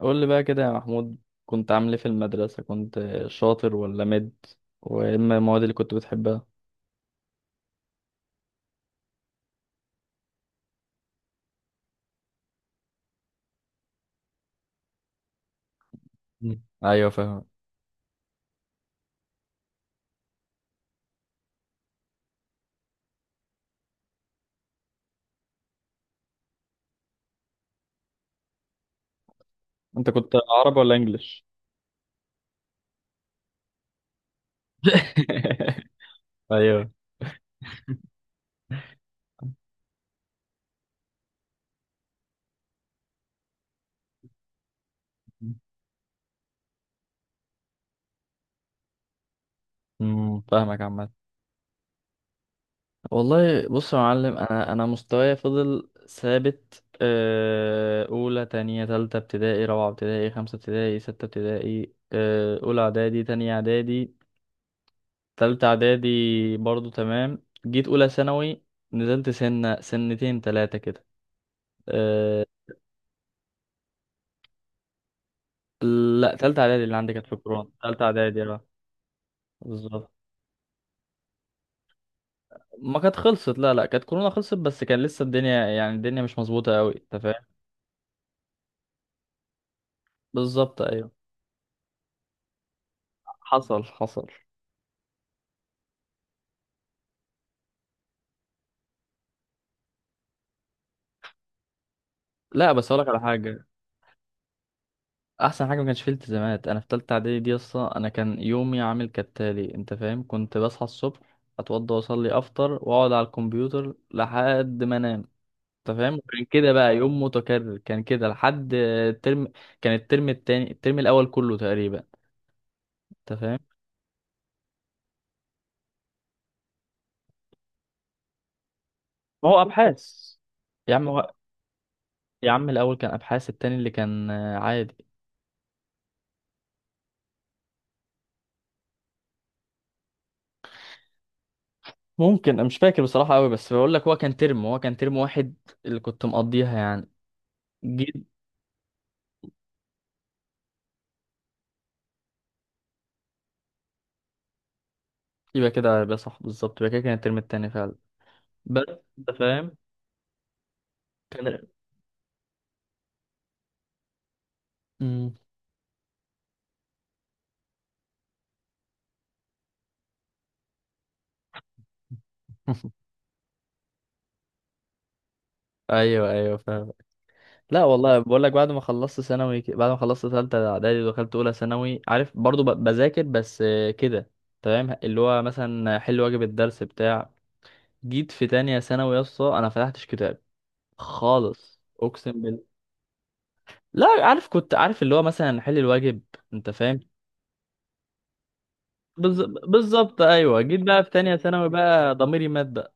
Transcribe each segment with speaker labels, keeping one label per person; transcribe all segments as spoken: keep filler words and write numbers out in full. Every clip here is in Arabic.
Speaker 1: قول لي بقى كده يا محمود، كنت عامل ايه في المدرسة؟ كنت شاطر ولا مد؟ وايه الم- المواد اللي كنت بتحبها؟ مم. ايوه فاهم. انت كنت عربي ولا انجليش؟ ايوه. امم، فاهمك عامة. والله بص يا معلم، انا انا مستواي فضل ثابت آه، اولى، تانية، تالتة ابتدائي، رابعة ابتدائي، خمسة ابتدائي، ستة ابتدائي آه، اولى اعدادي، تانية اعدادي، تالتة إعدادي برضو تمام. جيت أولى ثانوي نزلت سنة، سنتين، تلاتة كده. أه. لا، تالتة إعدادي اللي عندي كانت في كورونا. تالتة إعدادي، اه، بالظبط. ما كانت خلصت، لا لا كانت كورونا خلصت، بس كان لسه الدنيا يعني الدنيا مش مظبوطة أوي، أنت فاهم. بالظبط، أيوه. حصل، حصل. لا بس أقولك على حاجة، أحسن حاجة ما كانش فيه التزامات. أنا في تالتة إعدادي دي أصلا أنا كان يومي عامل كالتالي، أنت فاهم، كنت بصحى الصبح، أتوضى وأصلي، أفطر وأقعد على الكمبيوتر لحد ما أنام. انت فاهم، كان كده بقى يوم متكرر، كان كده لحد الترم. كان الترم التاني، الترم الاول كله تقريبا، انت فاهم. ما هو ابحاث. يا عم هو... يا عم الاول كان ابحاث، التاني اللي كان آه، عادي. ممكن أنا مش فاكر بصراحه قوي، بس بقول لك هو كان ترم، هو كان ترم واحد اللي كنت مقضيها يعني. جيت. يبقى كده يبقى صح، بالظبط يبقى كده كان الترم التاني فعلا. بس انت فاهم. امم. ايوه ايوه فاهم. لا والله بقول لك، بعد ما خلصت ثانوي ك- بعد ما خلصت ثالثه اعدادي ودخلت اولى ثانوي، عارف، برضو ب- بذاكر بس آه، كده، تمام، اللي هو مثلا حل واجب الدرس بتاع. جيت في تانية ثانوي يا اسطى انا فتحتش كتاب خالص، اقسم بالله. لا عارف، كنت عارف اللي هو مثلا حل الواجب، انت فاهم. بالز- بالظبط، ايوه. جيت بقى في تانية ثانوي بقى ضميري مات بقى،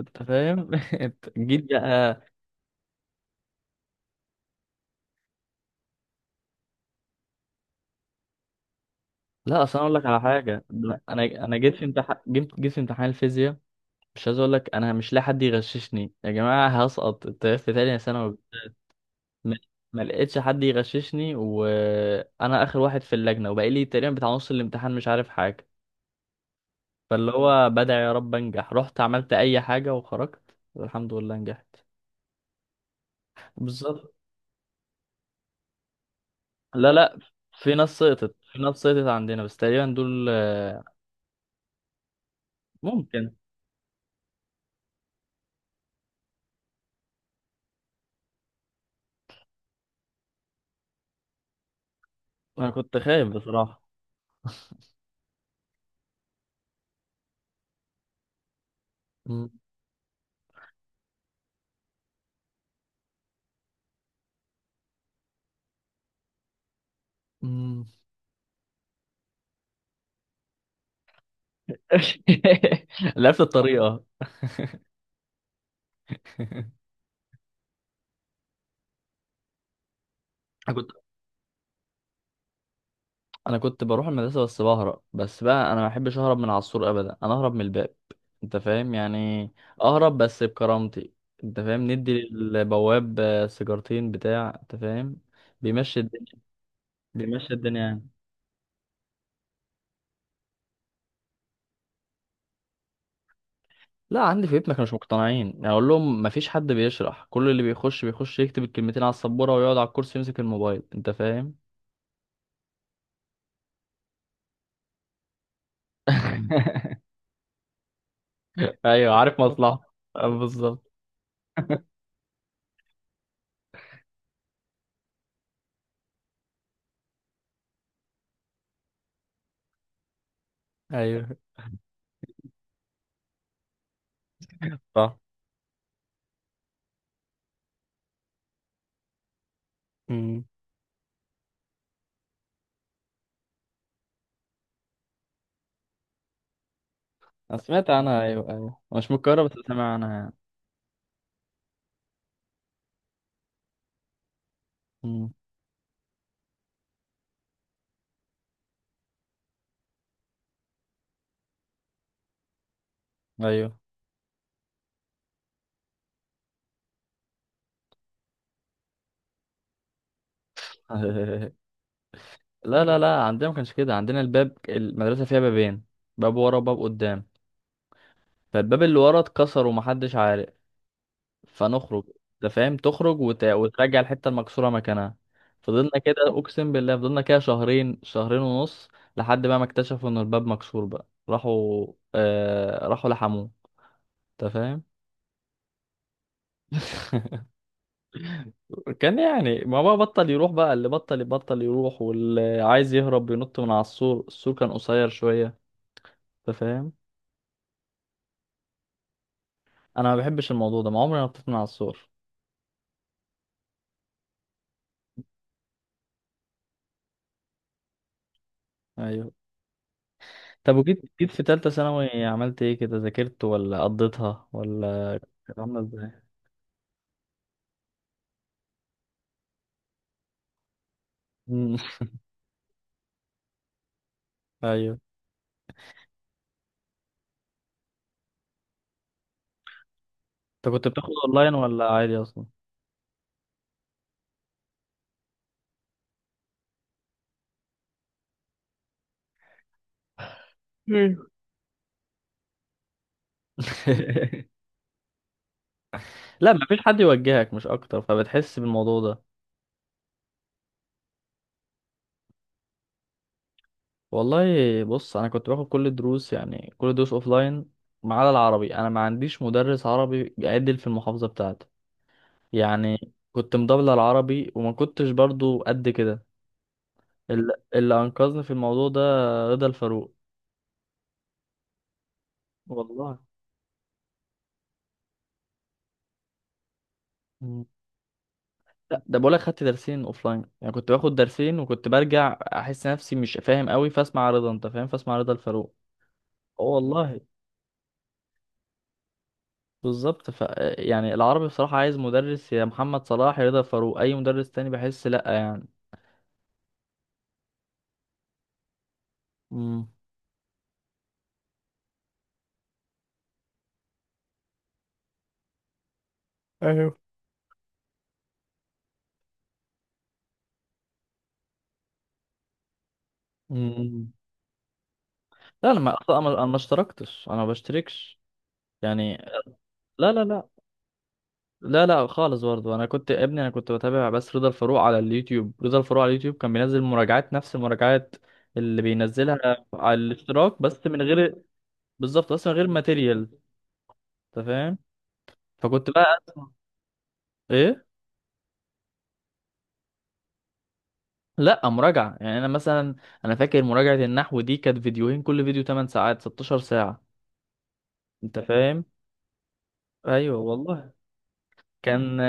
Speaker 1: انت فاهم. جيت بقى. لا اصل انا اقول لك على حاجه، انا انا جيت في امتحان، جيت جيت في امتحان الفيزياء، مش عايز اقول لك، انا مش لاقي حد يغششني. يا جماعه هسقط الت- في تانية ثانوي. ما ما لقيتش حد يغششني وانا اخر واحد في اللجنه، وبقى لي تقريبا بتاع نص الامتحان مش عارف حاجه، فاللي هو بدعي يا رب انجح، رحت عملت اي حاجه وخرجت والحمد لله نجحت. بالظبط. لا لا، في ناس سقطت، في ناس سقطت عندنا بس تقريبا دول آه، ممكن. انا كنت خايف بصراحه. مم. مم. لفت الطريقه. انا كنت بروح المدرسه بس بهرب، بس بقى انا ما بحبش اهرب من على السور ابدا، انا اهرب من الباب، انت فاهم يعني، اهرب بس بكرامتي، انت فاهم، ندي للبواب آه، سيجارتين بتاع، انت فاهم، بيمشي الدنيا. بيمشي الدنيا يعني. لا عندي في بيتنا كانوا مش مقتنعين، يعني اقول لهم ما فيش حد بيشرح، كل اللي بيخش بيخش يكتب الكلمتين على السبوره ويقعد على الكرسي يمسك الموبايل، انت فاهم. ايوه، عارف مصلحه آه، بالظبط. ايوه، صح. امم. انا سمعت عنها، ايوه ايوه، مش من القاهره بس سامع عنها يعني. مم. ايوه. لا لا لا عندنا ما كانش كده، عندنا الباب، المدرسه فيها بابين، باب ورا وباب قدام، فالباب اللي ورا اتكسر ومحدش عارف، فنخرج، انت فاهم، تخرج وت... وترجع الحته المكسوره مكانها. فضلنا كده اقسم بالله، فضلنا كده شهرين، شهرين ونص، لحد بقى ما اكتشفوا ان الباب مكسور بقى، راحوا آه... راحوا لحموه، انت فاهم. كان يعني ما بقى بطل يروح بقى، اللي بطل بطل يروح، واللي عايز يهرب بينط من على السور، السور كان قصير شوية، انت فاهم. انا ما بحبش الموضوع ده، ما عمري ما نطيت من على السور. ايوه. طب وجيت، جيت في تالتة ثانوي عملت ايه كده؟ ذاكرت ولا قضيتها ولا؟ كانت عامله ازاي؟ مم. ايوه. انت كنت بتاخد اونلاين ولا عادي اصلا؟ مم. لا مفيش حد يوجهك مش اكتر، فبتحس بالموضوع ده. والله بص، انا كنت باخد كل الدروس، يعني كل الدروس اوفلاين، ما عدا العربي، انا ما عنديش مدرس عربي بيعدل في المحافظه بتاعتي، يعني كنت مضبله العربي، وما كنتش برضو قد كده. ال- اللي انقذني في الموضوع ده رضا الفاروق. والله. مم. لا ده بقولك خدت درسين اوفلاين، يعني كنت باخد درسين وكنت برجع احس نفسي مش فاهم قوي، فاسمع رضا، انت فاهم، فاسمع رضا الفاروق. اه والله. بالظبط، ف يعني العربي بصراحة عايز مدرس، يا محمد صلاح يا رضا الفاروق، اي مدرس تاني بحس لا يعني. مم. ايوه. مم. لا انا ما اصلا، انا أنا ما اشتركتش، انا ما بشتركش يعني. لا لا. لا لا لا خالص، برضه انا كنت يا ابني، انا كنت بتابع بس رضا الفاروق على اليوتيوب، رضا الفاروق على اليوتيوب كان بينزل مراجعات، نفس المراجعات اللي بينزلها على الاشتراك، بس من غير. بالظبط، بس من غير ماتيريال، انت فاهم. فكنت بقى اسمع. ايه؟ لا مراجعة يعني، انا مثلا انا فاكر مراجعة النحو دي كانت فيديوهين، كل فيديو ثمن ساعات، ستاشر ساعة، انت فاهم. ايوه والله. كان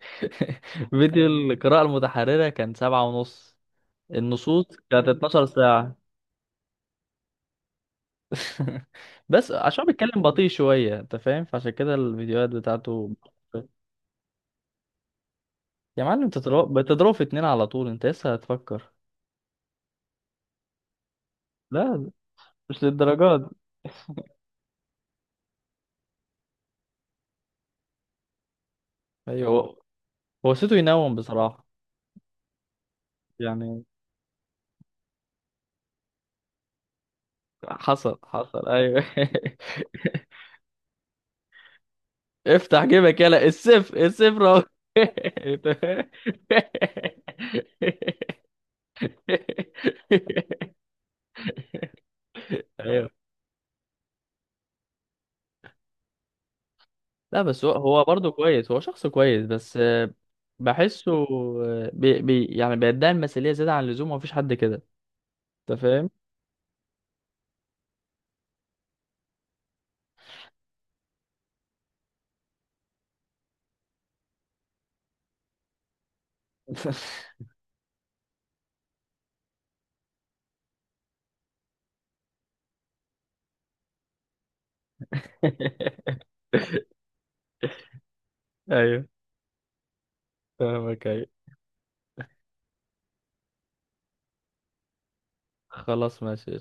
Speaker 1: فيديو القراءة المتحررة كان سبعة ونص، النصوص كانت 12 ساعة. بس عشان بيتكلم بطيء شوية، انت فاهم، فعشان كده الفيديوهات بتاعته. يا معلم انت تضرب بتضرب في اتنين على طول، انت لسه هتفكر. لا مش للدرجات دي. ايوه هو، هو صوته ينوم بصراحة يعني. حصل، حصل، ايوه. افتح جيبك يلا، السيف السيف رو. ايوه. لا بس هو، هو برضه كويس، هو شخص كويس بس آه، بحسه آه، بي بي يعني بيدعي المثالية زيادة عن اللزوم، ومفيش حد كده، انت فاهم؟ ايوه فاهمك، ايوه. خلاص ماشي.